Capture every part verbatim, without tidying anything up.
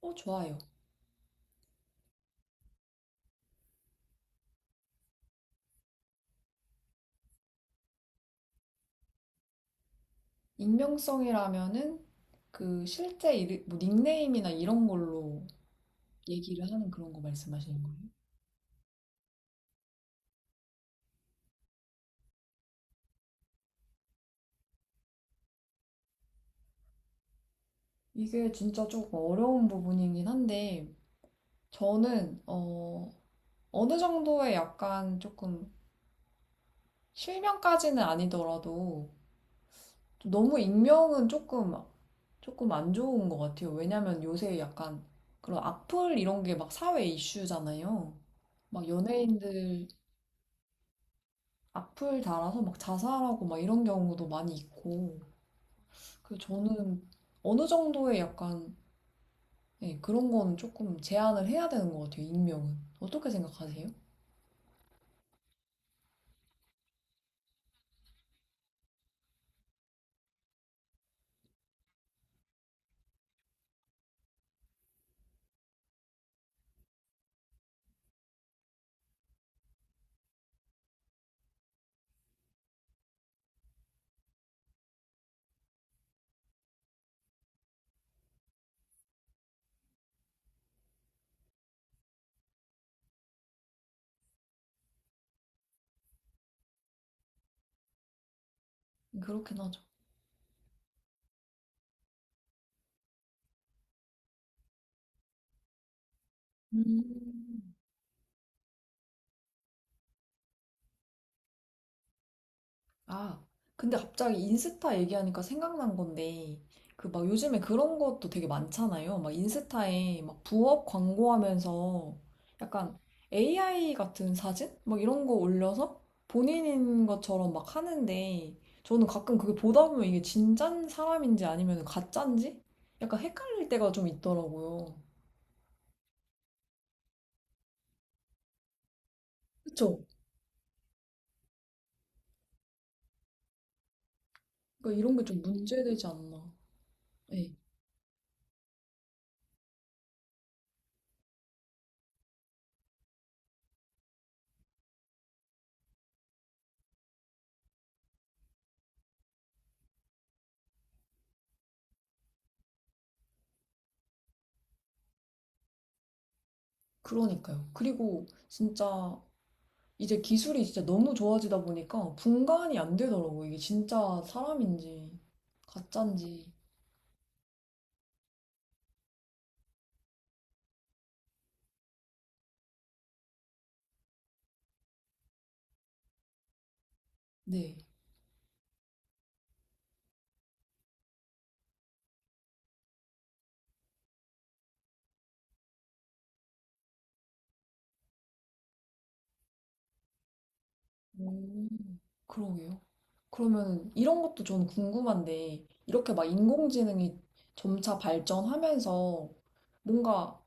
어, 좋아요. 익명성이라면은 그 실제 이르- 뭐 닉네임이나 이런 걸로 얘기를 하는 그런 거 말씀하시는 거예요? 이게 진짜 조금 어려운 부분이긴 한데 저는 어, 어느 정도의 약간 조금 실명까지는 아니더라도 좀 너무 익명은 조금 조금 안 좋은 것 같아요. 왜냐면 요새 약간 그런 악플 이런 게 막 사회 이슈잖아요. 막 연예인들 악플 달아서 막 자살하고 막 이런 경우도 많이 있고. 그래서 저는 어느 정도의 약간 예, 그런 거는 조금 제한을 해야 되는 것 같아요, 익명은. 어떻게 생각하세요? 그렇긴 하죠. 음. 아, 근데 갑자기 인스타 얘기하니까 생각난 건데, 그 막 요즘에 그런 것도 되게 많잖아요. 막 인스타에 막 부업 광고하면서 약간 에이아이 같은 사진? 막 이런 거 올려서 본인인 것처럼 막 하는데, 저는 가끔 그게 보다 보면 이게 진짠 사람인지 아니면 가짠지? 약간 헷갈릴 때가 좀 있더라고요. 그쵸? 그러니까 이런 게 좀 문제되지 않나. 네, 그러니까요. 그리고 진짜 이제 기술이 진짜 너무 좋아지다 보니까 분간이 안 되더라고. 이게 진짜 사람인지, 가짜인지. 네. 오, 그러게요. 그러면 이런 것도 전 궁금한데, 이렇게 막 인공지능이 점차 발전하면서 뭔가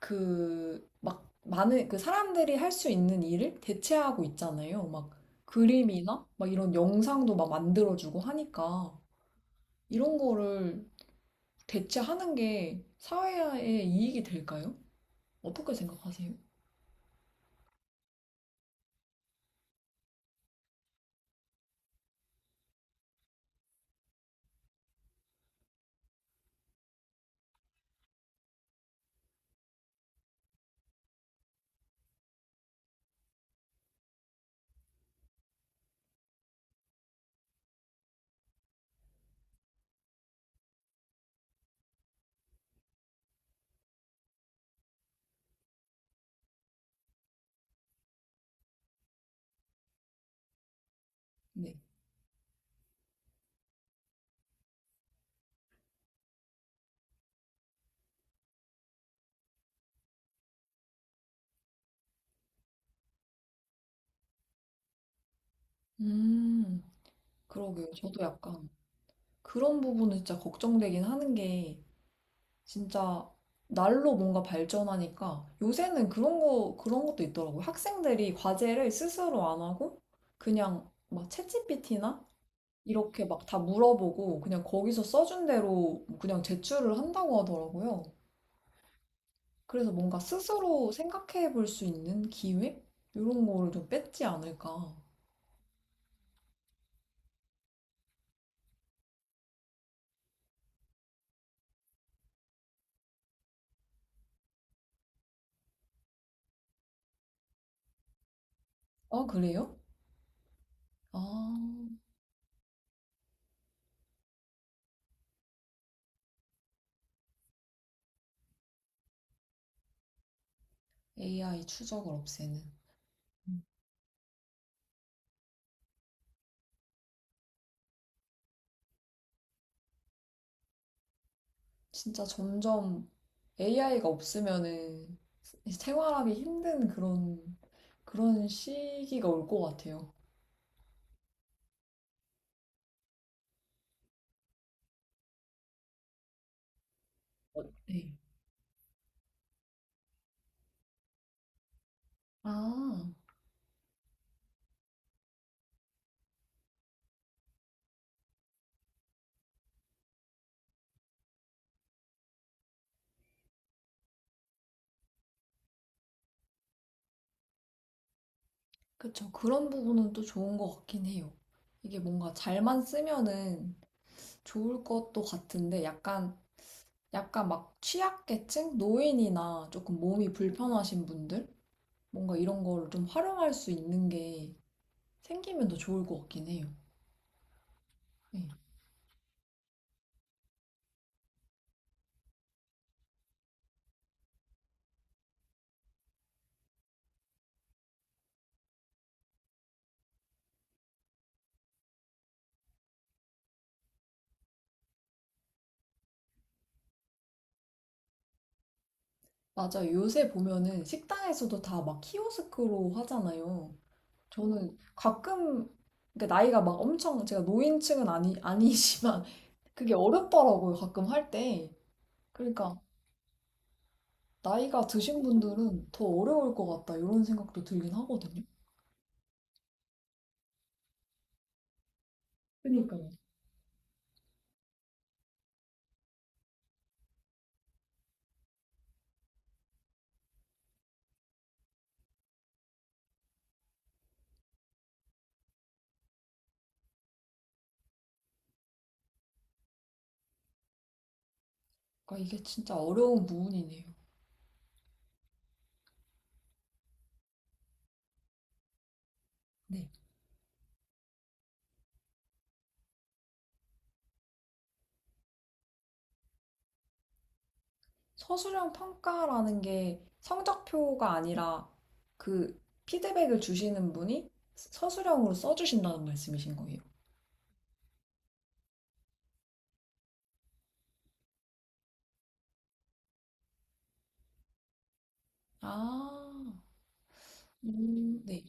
그, 막 많은, 그 사람들이 할 수 있는 일을 대체하고 있잖아요. 막 그림이나 막 이런 영상도 막 만들어주고 하니까 이런 거를 대체하는 게 사회에 이익이 될까요? 어떻게 생각하세요? 네. 음, 그러게요. 저도 약간 그런 부분은 진짜 걱정되긴 하는 게 진짜 날로 뭔가 발전하니까 요새는 그런 거, 그런 것도 있더라고요. 학생들이 과제를 스스로 안 하고 그냥 막 챗지피티나 이렇게 막 다 물어보고 그냥 거기서 써준 대로 그냥 제출을 한다고 하더라고요. 그래서 뭔가 스스로 생각해 볼 수 있는 기회? 이런 거를 좀 뺐지 않을까. 아, 그래요? 아, 에이아이 추적을 없애는. 진짜 점점 에이아이가 없으면은 생활하기 힘든 그런, 그런 시기가 올 것 같아요. 네. 아, 그쵸. 그런 부분은 또 좋은 것 같긴 해요. 이게 뭔가 잘만 쓰면은 좋을 것도 같은데 약간 약간 막 취약계층? 노인이나 조금 몸이 불편하신 분들? 뭔가 이런 거를 좀 활용할 수 있는 게 생기면 더 좋을 것 같긴 해요. 네. 맞아요. 요새 보면은 식당에서도 다 막 키오스크로 하잖아요. 저는 가끔, 그러니까 나이가 막 엄청, 제가 노인층은 아니, 아니지만 그게 어렵더라고요. 가끔 할 때. 그러니까 나이가 드신 분들은 더 어려울 것 같다. 이런 생각도 들긴 하거든요. 그러니까요. 그러니까 이게 진짜 어려운 부분이네요. 네. 서술형 평가라는 게 성적표가 아니라 그 피드백을 주시는 분이 서술형으로 써주신다는 말씀이신 거예요. 아, 음, 네.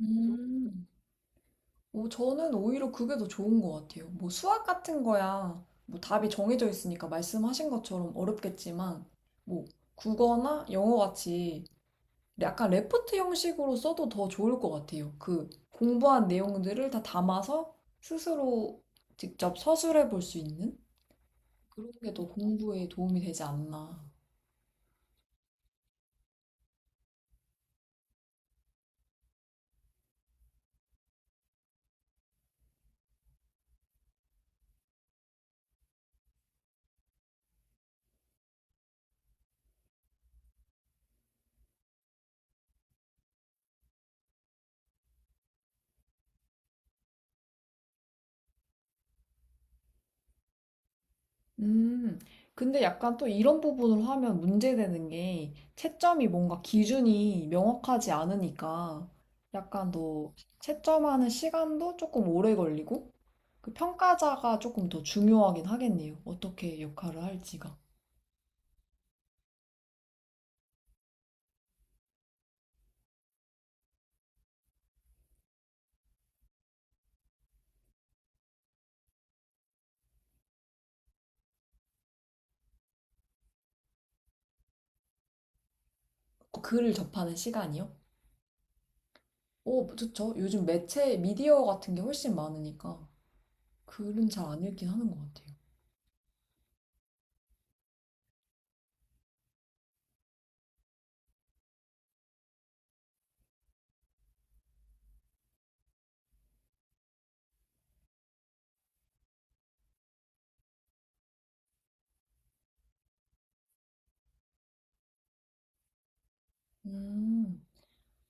음. 오, 저는 오히려 그게 더 좋은 것 같아요. 뭐 수학 같은 거야, 뭐 답이 정해져 있으니까 말씀하신 것처럼 어렵겠지만, 뭐 국어나 영어 같이 약간 레포트 형식으로 써도 더 좋을 것 같아요. 그 공부한 내용들을 다 담아서 스스로 직접 서술해 볼 수 있는 그런 게 더 공부에 도움이 되지 않나. 음, 근데 약간 또 이런 부분을 하면 문제되는 게 채점이 뭔가 기준이 명확하지 않으니까 약간 더 채점하는 시간도 조금 오래 걸리고 그 평가자가 조금 더 중요하긴 하겠네요. 어떻게 역할을 할지가. 글을 접하는 시간이요? 오, 좋죠. 요즘 매체, 미디어 같은 게 훨씬 많으니까 글은 잘 안 읽긴 하는 것 같아요. 음,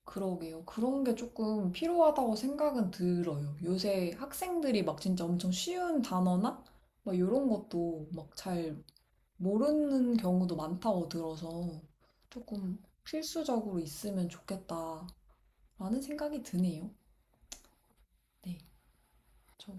그러게요. 그런 게 조금 필요하다고 생각은 들어요. 요새 학생들이 막 진짜 엄청 쉬운 단어나 막 이런 것도 막 잘 모르는 경우도 많다고 들어서 조금 필수적으로 있으면 좋겠다라는 생각이 드네요. 네, 저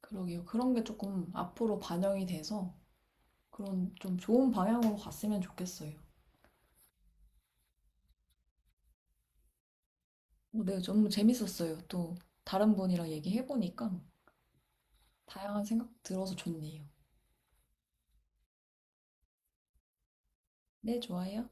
그러게요. 그런 게 조금 앞으로 반영이 돼서 그런 좀 좋은 방향으로 갔으면 좋겠어요. 어, 네, 너무 재밌었어요. 또 다른 분이랑 얘기해보니까 다양한 생각 들어서 좋네요. 네, 좋아요.